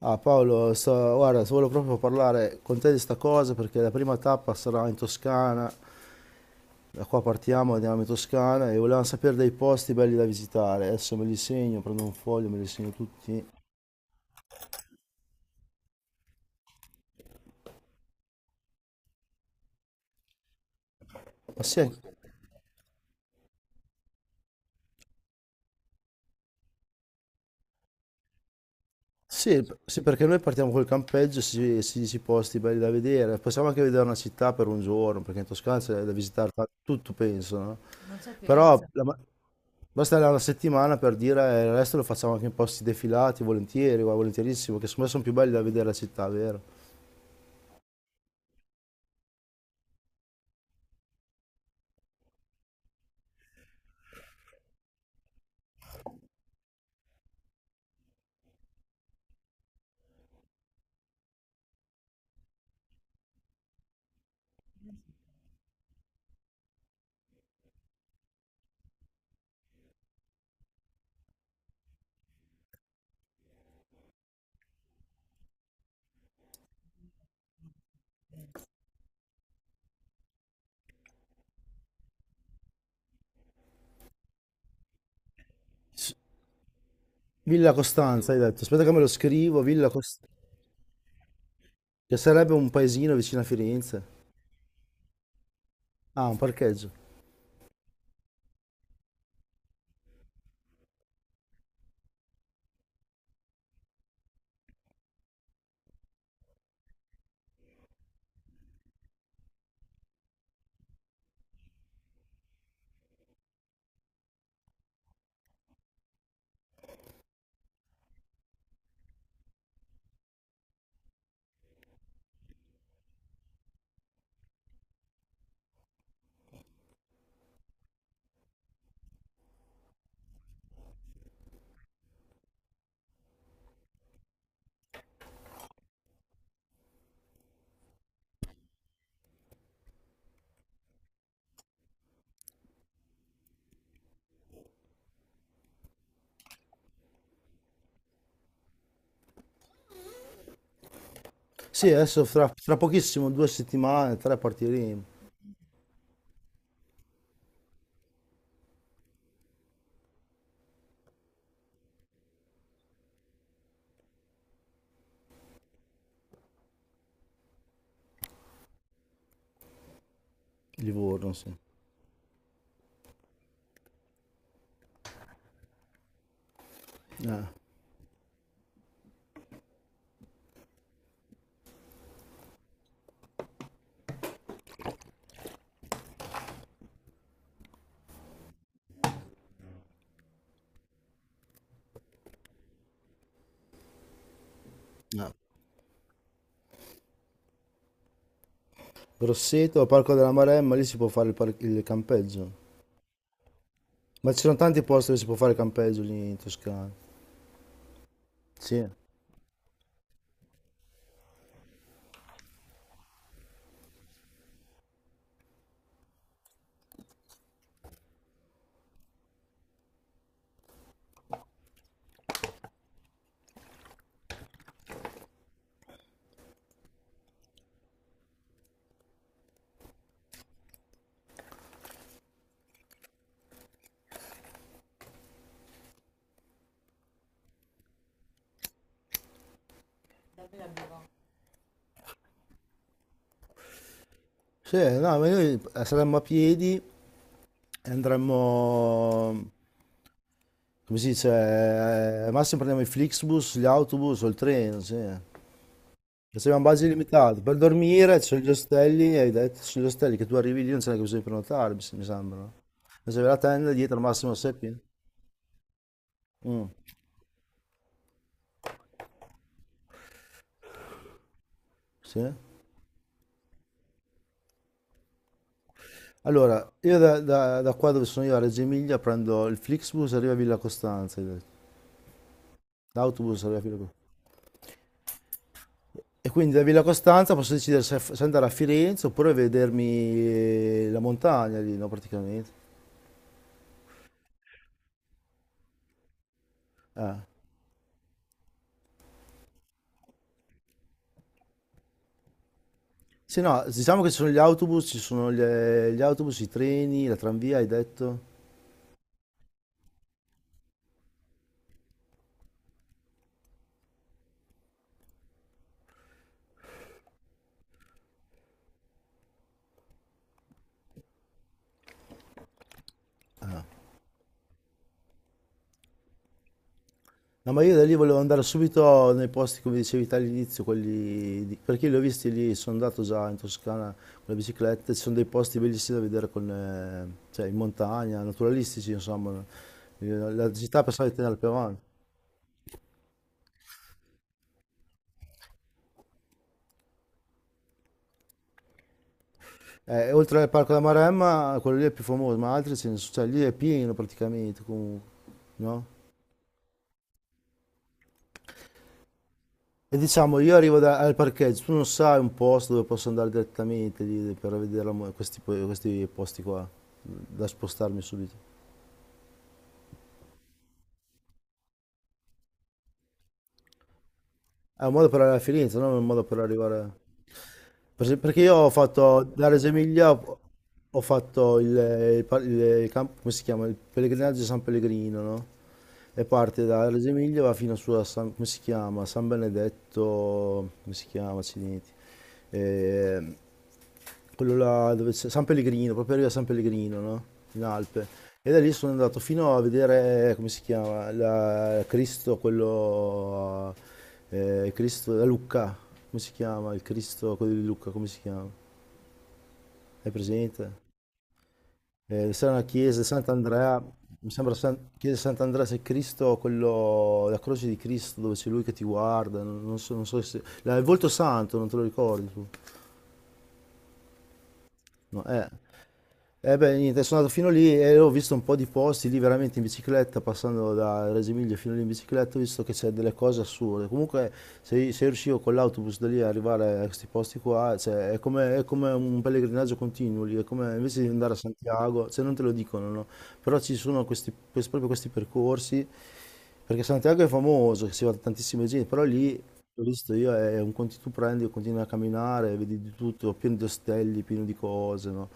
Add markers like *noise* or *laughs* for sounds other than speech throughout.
Ah Paolo, guarda, volevo proprio parlare con te di sta cosa perché la prima tappa sarà in Toscana, da qua partiamo, andiamo in Toscana e volevamo sapere dei posti belli da visitare, adesso me li segno, prendo un foglio, me li segno tutti. Ma sì, sì, sì, perché noi partiamo col campeggio, si dice i posti belli da vedere, possiamo anche vedere una città per un giorno, perché in Toscana c'è da visitare tutto penso, no? Però basta là una settimana per dire il resto lo facciamo anche in posti defilati, volentieri, guarda, volentierissimo, che secondo me sono più belli da vedere la città, vero? S- Villa Costanza, hai detto. Aspetta che me lo scrivo, Villa Costanza, che sarebbe un paesino vicino a Firenze. Ah, un parcheggio. Sì, adesso tra pochissimo, 2 settimane, 3 partiremo. Livorno, sì. Eh, eh. Grosseto, Parco della Maremma, lì si può fare il campeggio. Ma ci sono tanti posti dove si può fare il campeggio lì in Toscana. Sì. Sì, no, ma noi saremmo a piedi e andremmo, come si dice, al massimo prendiamo i Flixbus, gli autobus o il treno, sì. Perché siamo a base limitate. Per dormire c'è gli ostelli, hai detto, sugli ostelli che tu arrivi lì non c'è neanche bisogno di prenotare, mi sembra. No? Ma se avete la tenda dietro al massimo sei pieni. Mm, sì. Allora, io da qua dove sono io a Reggio Emilia prendo il Flixbus e arrivo a Villa Costanza, hai detto. L'autobus arriva a Villa Costanza. E quindi da Villa Costanza posso decidere se andare a Firenze oppure vedermi la montagna lì, no, praticamente. Ah. Sì, no, diciamo che ci sono gli autobus, gli autobus, i treni, la tranvia, hai detto? No, ma io da lì volevo andare subito nei posti, come dicevi te all'inizio, perché li ho visti lì, sono andato già in Toscana con la bicicletta, ci sono dei posti bellissimi da vedere con, cioè, in montagna, naturalistici, insomma, la città passava di tenere al Peron. Oltre al Parco della Maremma, quello lì è più famoso, ma altri ce ne sono, cioè lì è pieno praticamente, comunque, no? E diciamo, io al parcheggio, tu non sai un posto dove posso andare direttamente lì per vedere la mo- questi, po- questi posti qua, da spostarmi subito. È un modo per arrivare a Firenze, non è un modo per arrivare... Per esempio. Perché io ho fatto, da Reggio Emilia ho fatto il, come si chiama? Il pellegrinaggio di San Pellegrino, no? E parte da Reggio Emilia va fino su a San, come si chiama? San Benedetto, come si chiama? Accidenti. Eh, Quello là dove c'è San Pellegrino, proprio arriva a San Pellegrino, no? In Alpe. E da lì sono andato fino a vedere, come si chiama, Cristo, quello, Cristo da Lucca, come si chiama? Il Cristo, quello di Lucca, come si chiama? Hai presente? C'era una chiesa, Sant'Andrea, mi sembra San, chiesa Sant'Andrea, se Cristo, quello, la croce di Cristo, dove c'è lui che ti guarda, non so, se... il volto santo, non te lo ricordi tu? No, eh. Eh beh, niente, sono andato fino lì e ho visto un po' di posti lì veramente in bicicletta, passando da Reggio Emilia fino lì in bicicletta, ho visto che c'è delle cose assurde. Comunque, se riuscivo con l'autobus da lì a arrivare a questi posti qua, cioè, è come un pellegrinaggio continuo lì, è come invece di andare a Santiago, cioè non te lo dicono, no? Però ci sono proprio questi percorsi, perché Santiago è famoso, che si va tantissima gente, però lì, l'ho visto io, è un conti tu prendi, continui a camminare, vedi di tutto, pieno di ostelli, pieno di cose, no?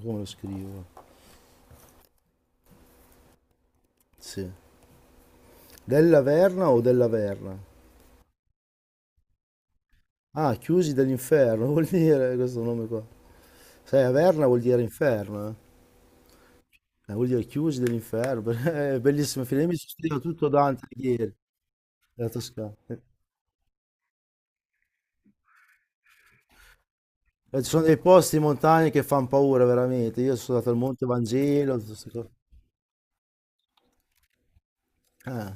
Come lo scrivo? Sì. Della Verna o della Verna? Ah, chiusi dell'inferno, *laughs* vuol dire questo nome qua. Sai, Averna vuol dire inferno, eh? Vuol dire chiusi dell'inferno, *laughs* perché è bellissimo film. Mi sono studiato tutto Dante ieri, della Toscana. Ci sono dei posti in montagna che fanno paura, veramente. Io sono andato al Monte Vangelo, tutte queste cose. Ah,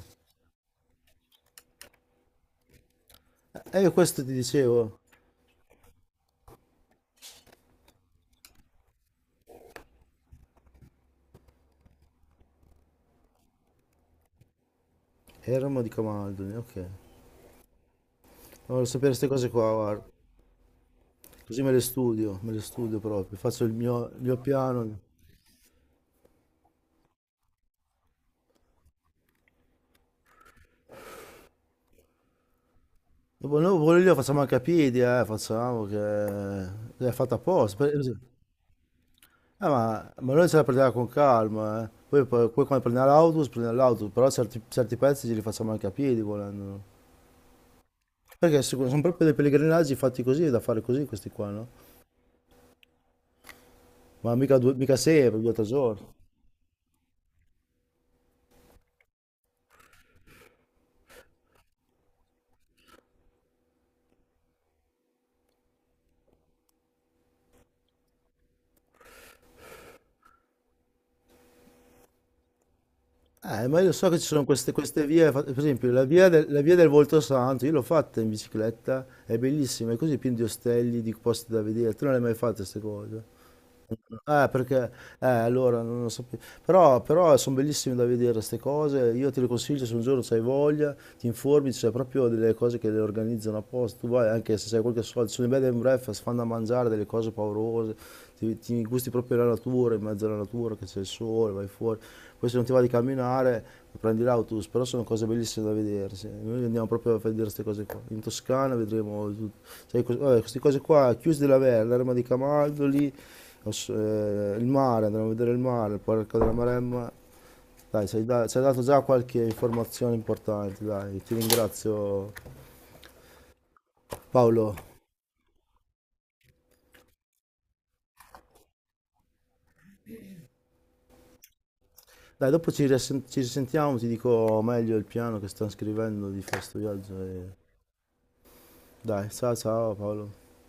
io questo ti dicevo. Eremo di Camaldoli, ok. Voglio sapere queste cose qua, guarda. Così me le studio proprio. Faccio il mio piano. Dopo noi pure lì lo facciamo anche a piedi, facciamo che l'hai fatta apposta. Ma noi ce la prendiamo con calma, eh. Poi quando prendiamo l'autobus, però certi pezzi ce li facciamo anche a piedi volendo. Perché sono proprio dei pellegrinaggi fatti così, da fare così questi qua, no? Ma mica, due, mica sempre, 2 o 3 giorni. Ma io so che ci sono queste vie, per esempio la via del Volto Santo, io l'ho fatta in bicicletta, è bellissima, è così piena di ostelli, di posti da vedere, tu non le hai mai fatte queste cose? Perché allora non lo sapevo. Però sono bellissime da vedere queste cose. Io te le consiglio se un giorno hai voglia, ti informi, c'è proprio delle cose che le organizzano apposta. Tu vai anche se hai qualche soldo, sono i bed and breakfast, fanno da mangiare delle cose paurose, ti gusti proprio la natura, in mezzo alla natura che c'è il sole, vai fuori. Poi se non ti va di camminare, prendi l'autobus, però sono cose bellissime da vedere. Sì. Noi andiamo proprio a vedere queste cose qua. In Toscana vedremo tutto. Cioè, vabbè, queste cose qua, chiusi della Verna, l'erma di Camaldo lì. Il mare, andremo a vedere il mare, il parco della Maremma. Dai, ci hai dato già qualche informazione importante, dai, ti ringrazio Paolo. Dai, dopo ci risentiamo, ti dico meglio il piano che sto scrivendo di fare sto viaggio. Dai, ciao ciao Paolo.